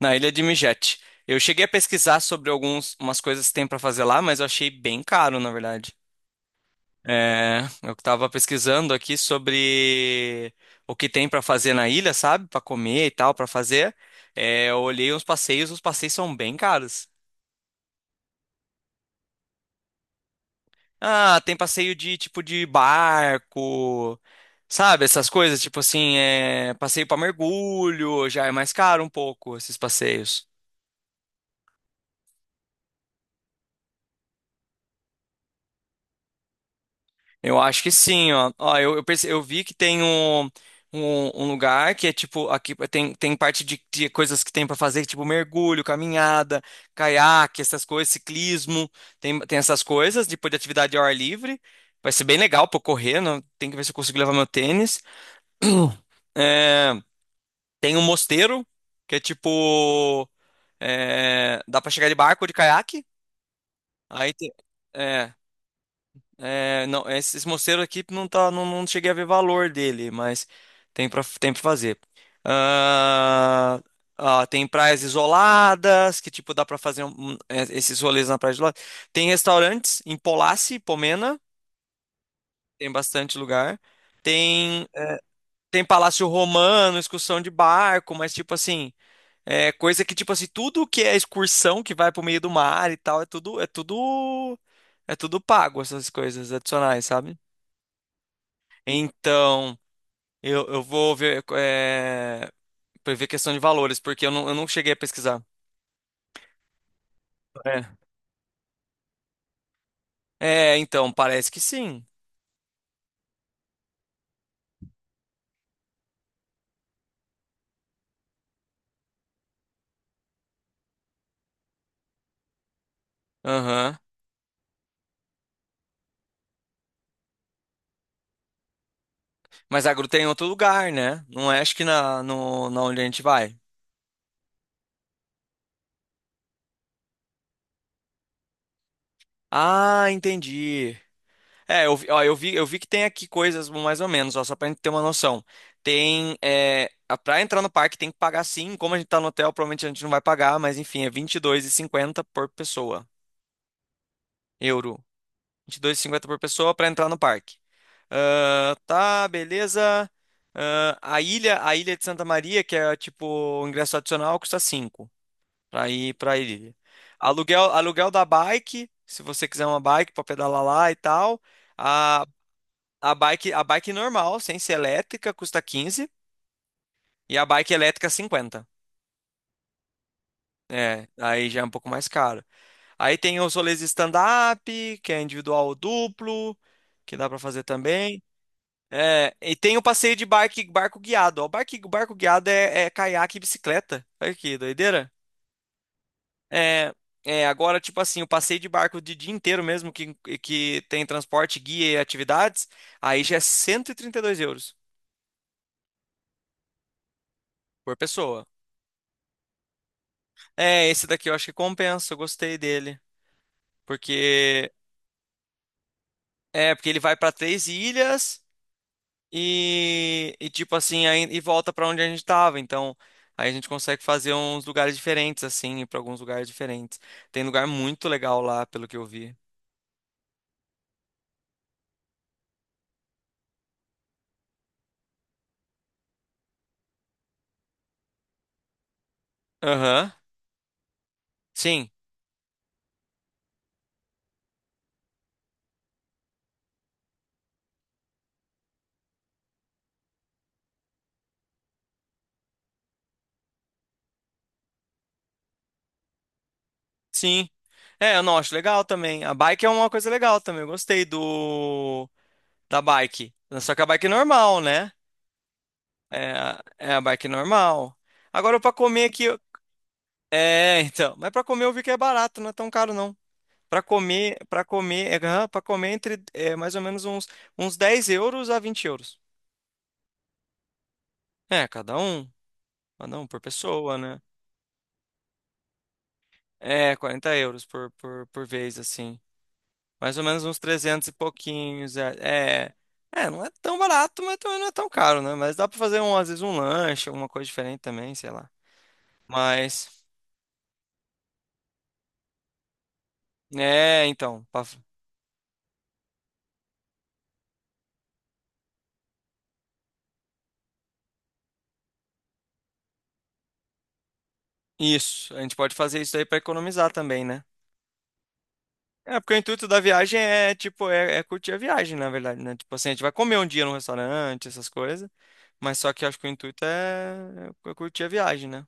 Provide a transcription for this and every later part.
Na ilha de Mijet. Eu cheguei a pesquisar sobre algumas umas coisas que tem pra fazer lá, mas eu achei bem caro, na verdade. É, eu tava pesquisando aqui sobre o que tem pra fazer na ilha, sabe? Pra comer e tal, pra fazer. É, eu olhei os passeios são bem caros. Ah, tem passeio de tipo de barco, sabe? Essas coisas, tipo assim, passeio pra mergulho, já é mais caro um pouco esses passeios. Eu acho que sim, ó. Ó, eu vi que tem um lugar que é tipo, aqui tem parte de coisas que tem pra fazer, tipo mergulho, caminhada, caiaque, essas coisas, ciclismo, tem essas coisas, depois de atividade ao ar livre. Vai ser bem legal pra eu correr, não, tem que ver se eu consigo levar meu tênis. É, tem um mosteiro, que é tipo, dá pra chegar de barco ou de caiaque. Aí tem, é, é, não, esse mosteiro aqui não tá, não cheguei a ver valor dele, mas tem para fazer. Ah, ah, tem praias isoladas, que tipo dá para fazer esses rolês na praia isolada. Tem restaurantes em Polassi, Pomena, tem bastante lugar. Tem tem Palácio Romano, excursão de barco, mas tipo assim, é coisa que tipo assim, tudo que é excursão que vai pro meio do mar e tal, é tudo pago essas coisas adicionais, sabe? Então, eu vou ver, pra ver questão de valores, porque eu não cheguei a pesquisar. É. É, então, parece que sim. Aham. Mas a gruta é em outro lugar, né? Não é, acho que na, no, na onde a gente vai. Ah, entendi. É, ó, eu vi que tem aqui coisas mais ou menos, ó, só pra gente ter uma noção. Tem, pra entrar no parque tem que pagar sim, como a gente tá no hotel, provavelmente a gente não vai pagar, mas enfim, é vinte e dois e cinquenta por pessoa, euro. 22,50 por pessoa para entrar no parque. Ah, tá, beleza. Ah, a ilha de Santa Maria, que é tipo o ingresso adicional, custa 5 para ir para a ilha. Aluguel da bike, se você quiser uma bike para pedalar lá e tal. A, a bike normal, sem ser elétrica, custa 15 e a bike elétrica 50. É, aí já é um pouco mais caro. Aí tem os rolês de stand-up, que é individual ou duplo, que dá para fazer também. É, e tem o passeio de barco, barco guiado. Ó. O barco guiado é caiaque e bicicleta. Olha que doideira. É, é, agora, tipo assim, o passeio de barco de dia inteiro mesmo, que tem transporte, guia e atividades, aí já é cento e trinta e dois euros por pessoa. É, esse daqui eu acho que compensa, eu gostei dele. Porque, porque ele vai para três ilhas. E tipo assim, aí, e volta pra onde a gente tava. Então, aí a gente consegue fazer uns lugares diferentes, assim, ir pra alguns lugares diferentes. Tem lugar muito legal lá, pelo que eu vi. Aham. Sim, sim. É, eu não acho legal também. A bike é uma coisa legal também. Eu gostei do da bike. Só que a bike é normal, né? É, é a bike normal. Agora pra comer aqui. É, então. Mas pra comer eu vi que é barato, não é tão caro, não. Para comer entre mais ou menos uns, uns €10 a €20. É, cada um por pessoa, né? É, €40 por vez, assim. Mais ou menos uns 300 e pouquinhos. É, não é tão barato, mas também não é tão caro, né? Mas dá para fazer, um, às vezes, um lanche, alguma coisa diferente também, sei lá. Mas, é, então, pra- isso, a gente pode fazer isso aí para economizar também, né? É, porque o intuito da viagem é, tipo, é curtir a viagem, na verdade, né? Tipo assim, a gente vai comer um dia num restaurante, essas coisas, mas só que eu acho que o intuito é curtir a viagem, né?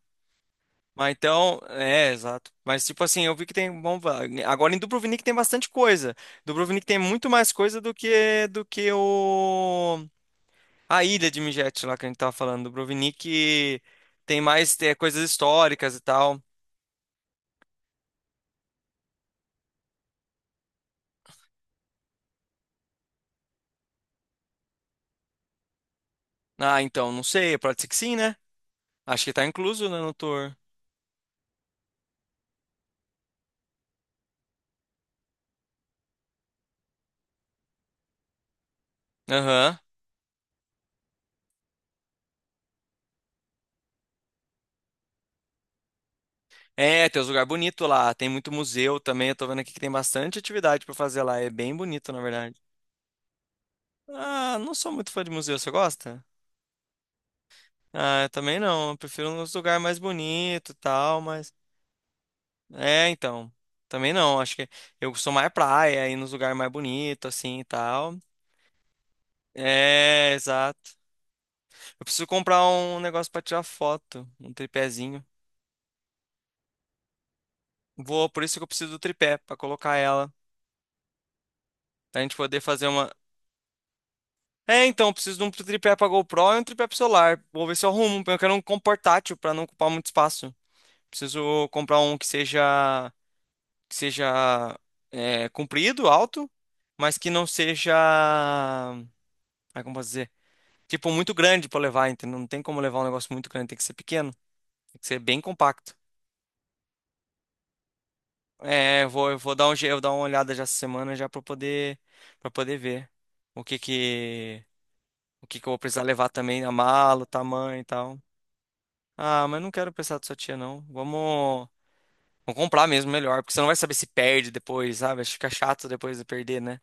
Mas então, exato. Mas tipo assim, eu vi que tem, bom, agora em Dubrovnik tem bastante coisa. Dubrovnik tem muito mais coisa do que o a ilha de Mijet lá que a gente tava falando. Dubrovnik tem mais coisas históricas e tal. Ah, então, não sei, pode ser que sim, né? Acho que tá incluso, né, no tour. Aham. É, tem uns lugares bonitos lá, tem muito museu também, eu tô vendo aqui que tem bastante atividade pra fazer lá, é bem bonito, na verdade. Ah, não sou muito fã de museu, você gosta? Ah, eu também não, eu prefiro uns lugares mais bonitos e tal, mas... É, então, também não, acho que eu sou mais praia, ir nos lugares mais bonitos, assim, e tal. É, exato. Eu preciso comprar um negócio pra tirar foto, um tripézinho. Vou, por isso que eu preciso do tripé, pra colocar ela, pra gente poder fazer uma... É, então, eu preciso de um tripé pra GoPro e um tripé pro celular. Vou ver se eu arrumo. Eu quero um com portátil pra não ocupar muito espaço. Preciso comprar um que seja comprido, alto, mas que não seja, ah, como posso dizer, tipo muito grande pra levar, entendeu? Não tem como levar um negócio muito grande, tem que ser pequeno, tem que ser bem compacto. É, eu vou dar um, je- eu vou dar uma olhada já essa semana já para poder ver o que que o que que eu vou precisar levar também, a mala, o tamanho e tal. Ah, mas não quero pensar da sua tia, não. Vamos comprar mesmo, melhor. Porque você não vai saber se perde depois, sabe? Acho que fica chato depois de perder, né?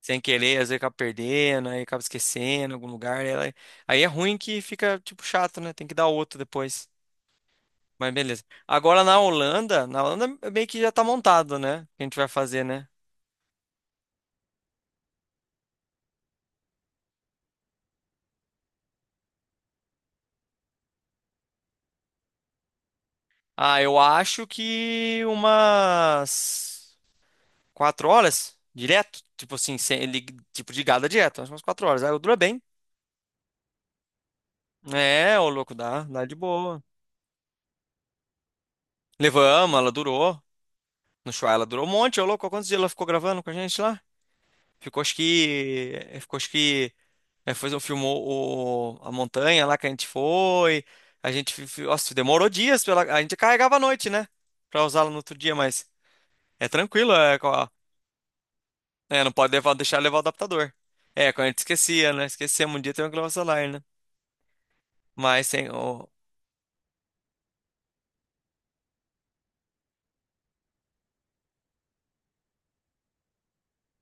Sem querer, às vezes acaba perdendo, aí acaba esquecendo em algum lugar. Aí é ruim que fica, tipo, chato, né? Tem que dar outro depois. Mas beleza. Agora na Holanda é meio que já tá montado, né? O que a gente vai fazer, né? Ah, eu acho que umas 4 horas direto. Tipo assim, sem, ele- tipo de gada direto. Acho umas 4 horas. Aí dura bem. É, ô louco, dá de boa. Levamos, ela durou. No show ela durou um monte, ô louco. Quantos dias ela ficou gravando com a gente lá? Ficou acho que. Ficou acho que. Foi, filmou a montanha lá que a gente foi. A gente. Nossa, demorou dias. A gente carregava à noite, né? Pra usá-la no outro dia, mas. É tranquilo, é. Não pode levar, deixar levar o adaptador. É, quando a gente esquecia, né? Esquecemos um dia tem que levar o celular, né? Mas tem.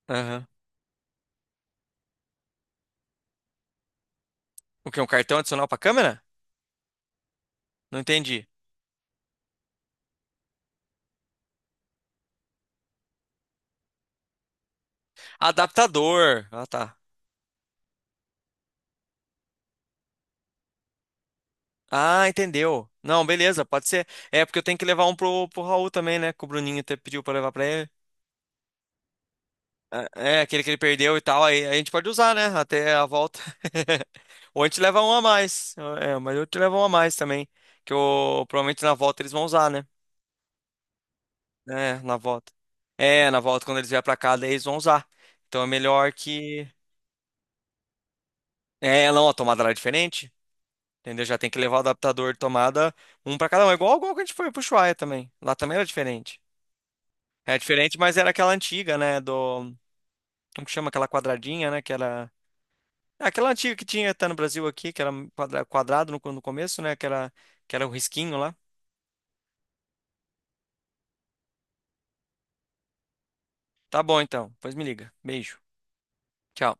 Aham. O que? Um cartão adicional pra câmera? Não entendi. Adaptador. Ah, tá. Ah, entendeu. Não, beleza, pode ser. É porque eu tenho que levar um pro Raul também, né? Que o Bruninho até pediu pra levar pra ele. É, aquele que ele perdeu e tal. Aí a gente pode usar, né? Até a volta. Ou a gente leva um a mais. É, mas eu te levo um a mais também. Que eu, provavelmente na volta eles vão usar, né? É, na volta. É, na volta quando eles vier pra cá, daí eles vão usar. Então é melhor que. É, não, a tomada lá é diferente. Entendeu? Já tem que levar o adaptador de tomada um pra cada um. É igual que a gente foi pro Ushuaia também. Lá também era diferente. É diferente, mas era aquela antiga, né? Do. Como que chama aquela quadradinha, né? Que era. Aquela antiga que tinha até no Brasil aqui, que era um quadrado no começo, né? Que era o risquinho lá. Tá bom, então. Pois me liga. Beijo. Tchau.